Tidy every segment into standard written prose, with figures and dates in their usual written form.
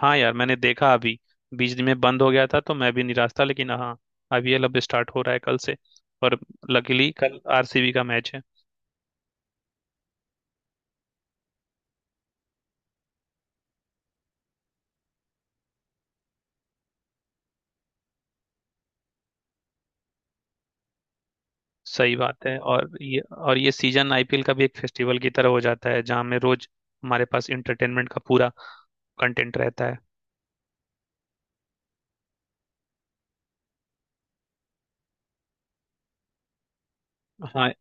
हाँ यार, मैंने देखा। अभी बीच दिन में बंद हो गया था तो मैं भी निराश था, लेकिन हाँ, अब ये लब स्टार्ट हो रहा है कल से। और लकीली कल आरसीबी का मैच है। सही बात है। और ये सीजन आईपीएल का भी एक फेस्टिवल की तरह हो जाता है जहाँ में रोज हमारे पास इंटरटेनमेंट का पूरा कंटेंट रहता है। हाँ,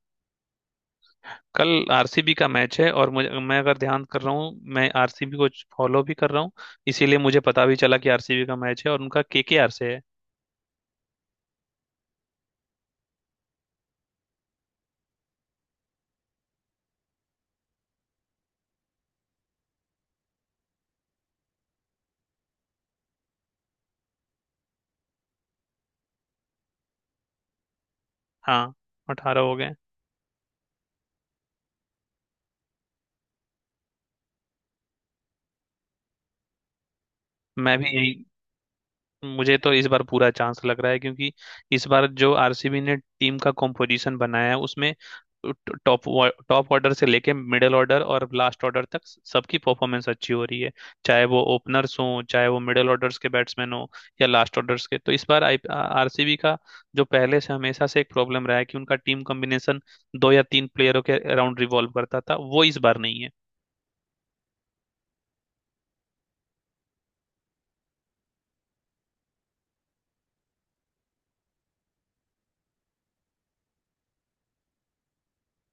कल आरसीबी का मैच है। और मुझे मैं अगर ध्यान कर रहा हूँ, मैं आरसीबी को फॉलो भी कर रहा हूँ। इसीलिए मुझे पता भी चला कि आरसीबी का मैच है, और उनका केकेआर से है। हाँ, 18 हो गए। मैं भी यही मुझे तो इस बार पूरा चांस लग रहा है, क्योंकि इस बार जो आरसीबी ने टीम का कॉम्पोजिशन बनाया है उसमें टॉप टॉप ऑर्डर से लेके मिडिल ऑर्डर और लास्ट ऑर्डर तक सबकी परफॉर्मेंस अच्छी हो रही है। चाहे वो ओपनर्स हों, चाहे वो मिडिल ऑर्डर्स के बैट्समैन हों या लास्ट ऑर्डर्स के, तो इस बार आई आरसीबी का जो पहले से हमेशा से एक प्रॉब्लम रहा है कि उनका टीम कॉम्बिनेशन दो या तीन प्लेयरों के अराउंड रिवॉल्व करता था, वो इस बार नहीं है।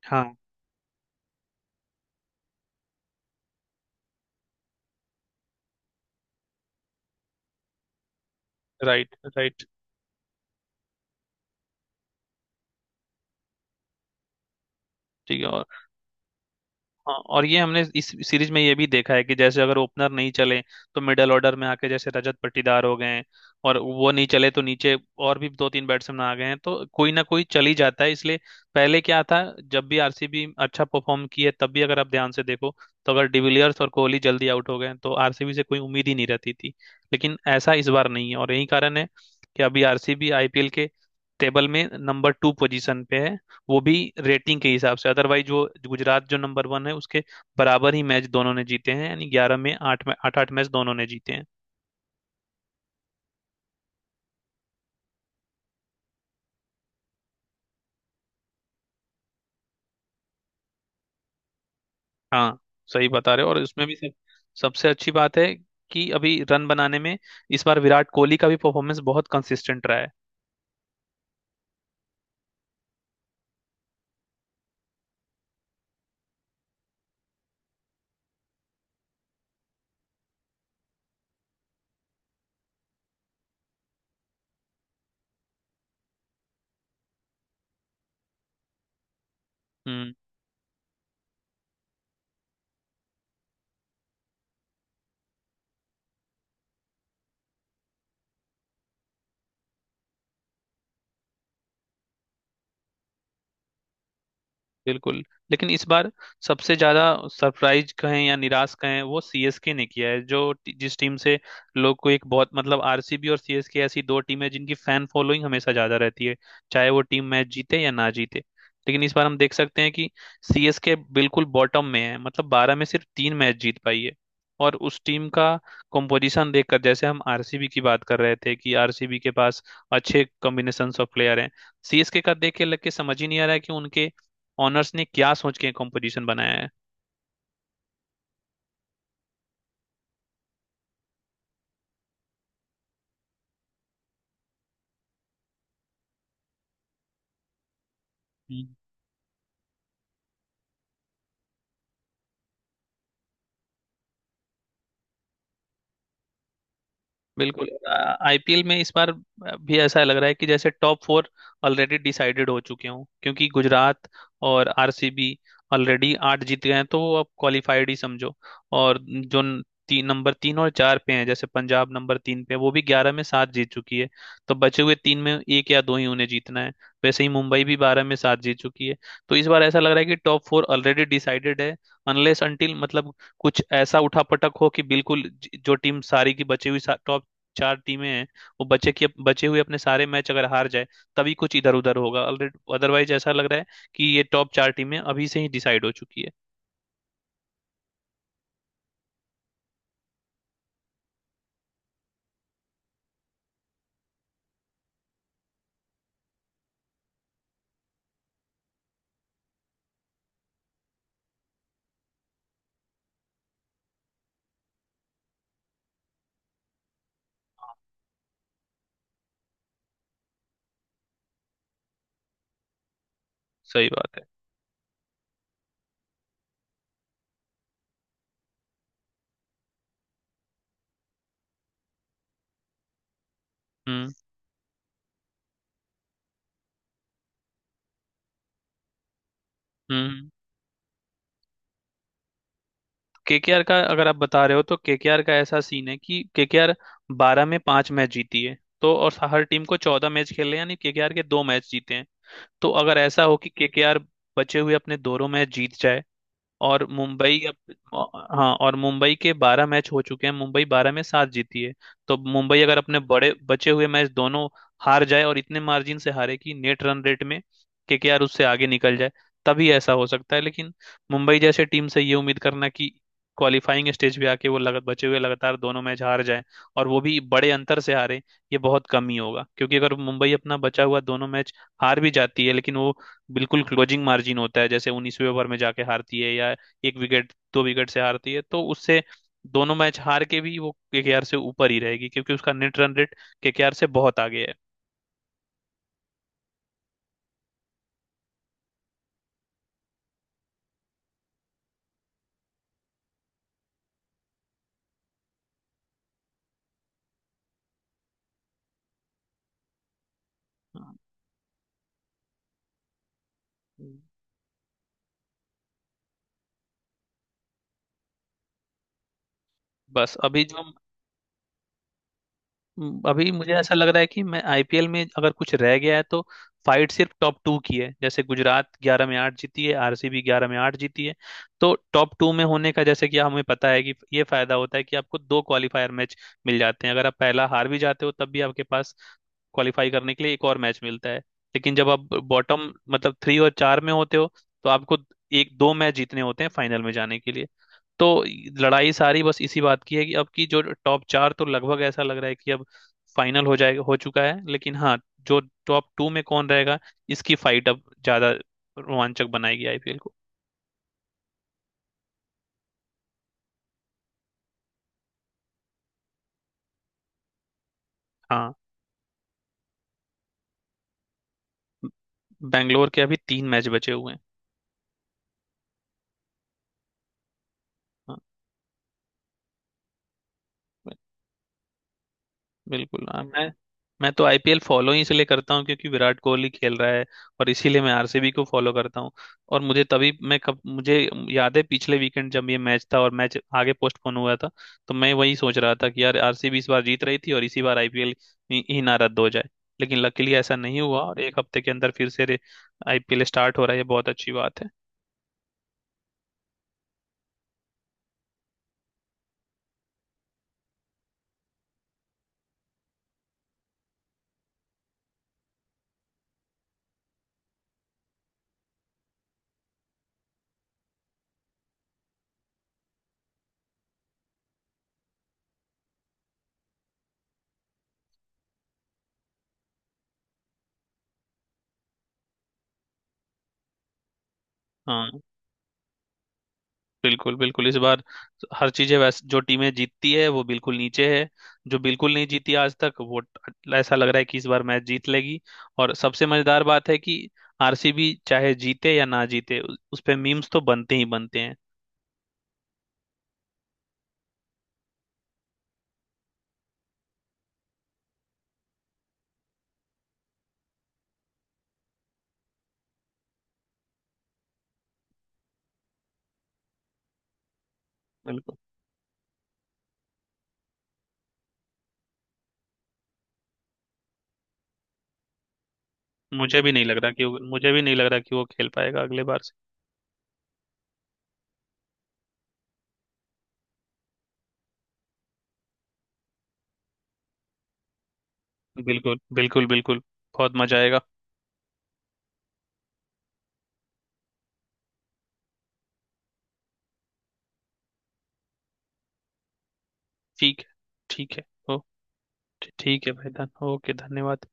हाँ। Right, right. ठीक है। और हाँ, और ये हमने इस सीरीज में ये भी देखा है कि जैसे अगर ओपनर नहीं चले तो मिडल ऑर्डर में आके जैसे रजत पाटीदार हो गए हैं, और वो नहीं चले तो नीचे और भी दो तीन बैट्समैन आ गए हैं, तो कोई ना कोई चल ही जाता है। इसलिए पहले क्या था, जब भी आरसीबी अच्छा परफॉर्म की है तब भी अगर आप ध्यान से देखो तो अगर डिविलियर्स और कोहली जल्दी आउट हो गए तो आरसीबी से कोई उम्मीद ही नहीं रहती थी। लेकिन ऐसा इस बार नहीं है, और यही कारण है कि अभी आरसीबी आईपीएल के टेबल में नंबर टू पोजीशन पे है। वो भी रेटिंग के हिसाब से, अदरवाइज जो गुजरात जो नंबर वन है उसके बराबर ही मैच दोनों ने जीते हैं। यानी ग्यारह में आठ आठ मैच दोनों ने जीते हैं। हाँ, सही बता रहे हो। और इसमें भी सब सबसे अच्छी बात है कि अभी रन बनाने में इस बार विराट कोहली का भी परफॉर्मेंस बहुत कंसिस्टेंट रहा है। हम्म। बिल्कुल, लेकिन इस बार सबसे ज्यादा सरप्राइज कहें या निराश कहें वो सीएसके ने किया है। जो जिस टीम से लोग को एक बहुत मतलब, आरसीबी और सीएसके ऐसी दो टीमें जिनकी फैन फॉलोइंग हमेशा ज्यादा रहती है, चाहे वो टीम मैच जीते या ना जीते। लेकिन इस बार हम देख सकते हैं कि सीएसके बिल्कुल बॉटम में है। मतलब 12 में सिर्फ 3 मैच जीत पाई है। और उस टीम का कंपोजिशन देखकर, जैसे हम आरसीबी की बात कर रहे थे कि आरसीबी के पास अच्छे कॉम्बिनेशन ऑफ प्लेयर हैं, सीएसके का देख के लग के समझ ही नहीं आ रहा है कि उनके ऑनर्स ने क्या सोच के कंपोजिशन बनाया है। बिल्कुल, आईपीएल में इस बार भी ऐसा लग रहा है कि जैसे टॉप फोर ऑलरेडी डिसाइडेड हो चुके हों, क्योंकि गुजरात और आरसीबी ऑलरेडी आठ जीत गए हैं, तो वो अब क्वालिफाइड ही समझो। और जो न- तीन नंबर तीन और चार पे हैं जैसे पंजाब नंबर तीन पे है, वो भी 11 में 7 जीत चुकी है। तो बचे हुए तीन में एक या दो ही उन्हें जीतना है। वैसे ही मुंबई भी 12 में 7 जीत चुकी है। तो इस बार ऐसा लग रहा है कि टॉप फोर ऑलरेडी डिसाइडेड है। अनलेस अनटिल मतलब कुछ ऐसा उठा पटक हो कि बिल्कुल जो टीम सारी की बची हुई टॉप चार टीमें हैं, वो बचे हुए अपने सारे मैच अगर हार जाए, तभी कुछ इधर उधर होगा ऑलरेडी। अदरवाइज ऐसा लग रहा है कि ये टॉप चार टीमें अभी से ही डिसाइड हो चुकी है। सही बात है। हम्म, हम्म। केकेआर का अगर आप बता रहे हो तो केकेआर का ऐसा सीन है कि केकेआर 12 में 5 मैच जीती है, तो और हर टीम को 14 मैच खेले, यानी केकेआर के दो मैच जीते हैं। तो अगर ऐसा हो कि केकेआर बचे हुए अपने दोनों मैच जीत जाए और मुंबई अब हाँ, और मुंबई के 12 मैच हो चुके हैं, मुंबई 12 में 7 जीती है। तो मुंबई अगर अपने बड़े बचे हुए मैच दोनों हार जाए और इतने मार्जिन से हारे कि नेट रन रेट में केकेआर उससे आगे निकल जाए, तभी ऐसा हो सकता है। लेकिन मुंबई जैसे टीम से ये उम्मीद करना कि क्वालिफाइंग स्टेज पे आके वो बचे हुए लगातार दोनों मैच हार जाए और वो भी बड़े अंतर से हारे, ये बहुत कम ही होगा। क्योंकि अगर मुंबई अपना बचा हुआ दोनों मैच हार भी जाती है लेकिन वो बिल्कुल क्लोजिंग मार्जिन होता है, जैसे 19वें ओवर में जाके हारती है या एक विकेट दो विकेट से हारती है, तो उससे दोनों मैच हार के भी वो केकेआर से ऊपर ही रहेगी, क्योंकि उसका नेट रन रेट केकेआर से बहुत आगे है। बस अभी जो अभी मुझे ऐसा लग रहा है कि मैं आईपीएल में अगर कुछ रह गया है तो फाइट सिर्फ टॉप टू की है। जैसे गुजरात 11 में 8 जीती है, आरसीबी 11 में 8 जीती है। तो टॉप टू में होने का, जैसे कि हमें पता है कि ये फायदा होता है कि आपको दो क्वालिफायर मैच मिल जाते हैं। अगर आप पहला हार भी जाते हो तब भी आपके पास क्वालिफाई करने के लिए एक और मैच मिलता है। लेकिन जब आप बॉटम मतलब थ्री और चार में होते हो तो आपको एक दो मैच जीतने होते हैं फाइनल में जाने के लिए। तो लड़ाई सारी बस इसी बात की है कि अब की जो टॉप चार, तो लगभग ऐसा लग रहा है कि अब फाइनल हो जाएगा, हो चुका है। लेकिन हाँ, जो टॉप टू में कौन रहेगा, इसकी फाइट अब ज्यादा रोमांचक बनाएगी आईपीएल को। हाँ, बैंगलोर के अभी तीन मैच बचे हुए हैं। हाँ, बिल्कुल। हाँ, मैं तो आईपीएल फॉलो ही इसलिए करता हूँ क्योंकि विराट कोहली खेल रहा है, और इसीलिए मैं आरसीबी को फॉलो करता हूँ। और मुझे तभी मैं कब मुझे याद है, पिछले वीकेंड जब ये मैच था और मैच आगे पोस्टपोन हुआ था, तो मैं वही सोच रहा था कि यार आरसीबी इस बार जीत रही थी और इसी बार आईपीएल ही ना रद्द हो जाए। लेकिन लकीली ऐसा नहीं हुआ और एक हफ्ते के अंदर फिर से आईपीएल स्टार्ट हो रहा है, ये बहुत अच्छी बात है। हाँ, बिल्कुल बिल्कुल। इस बार हर चीजें, वैसे जो टीमें जीतती है वो बिल्कुल नीचे है, जो बिल्कुल नहीं जीती आज तक ऐसा लग रहा है कि इस बार मैच जीत लेगी। और सबसे मजेदार बात है कि आरसीबी चाहे जीते या ना जीते उस पे मीम्स तो बनते ही बनते हैं। बिल्कुल, मुझे भी नहीं लग रहा कि वो खेल पाएगा अगले बार से। बिल्कुल, बिल्कुल, बिल्कुल। बहुत मजा आएगा। ठीक है। ठीक है। ओ। ठीक है भाई। धन ओके, धन्यवाद।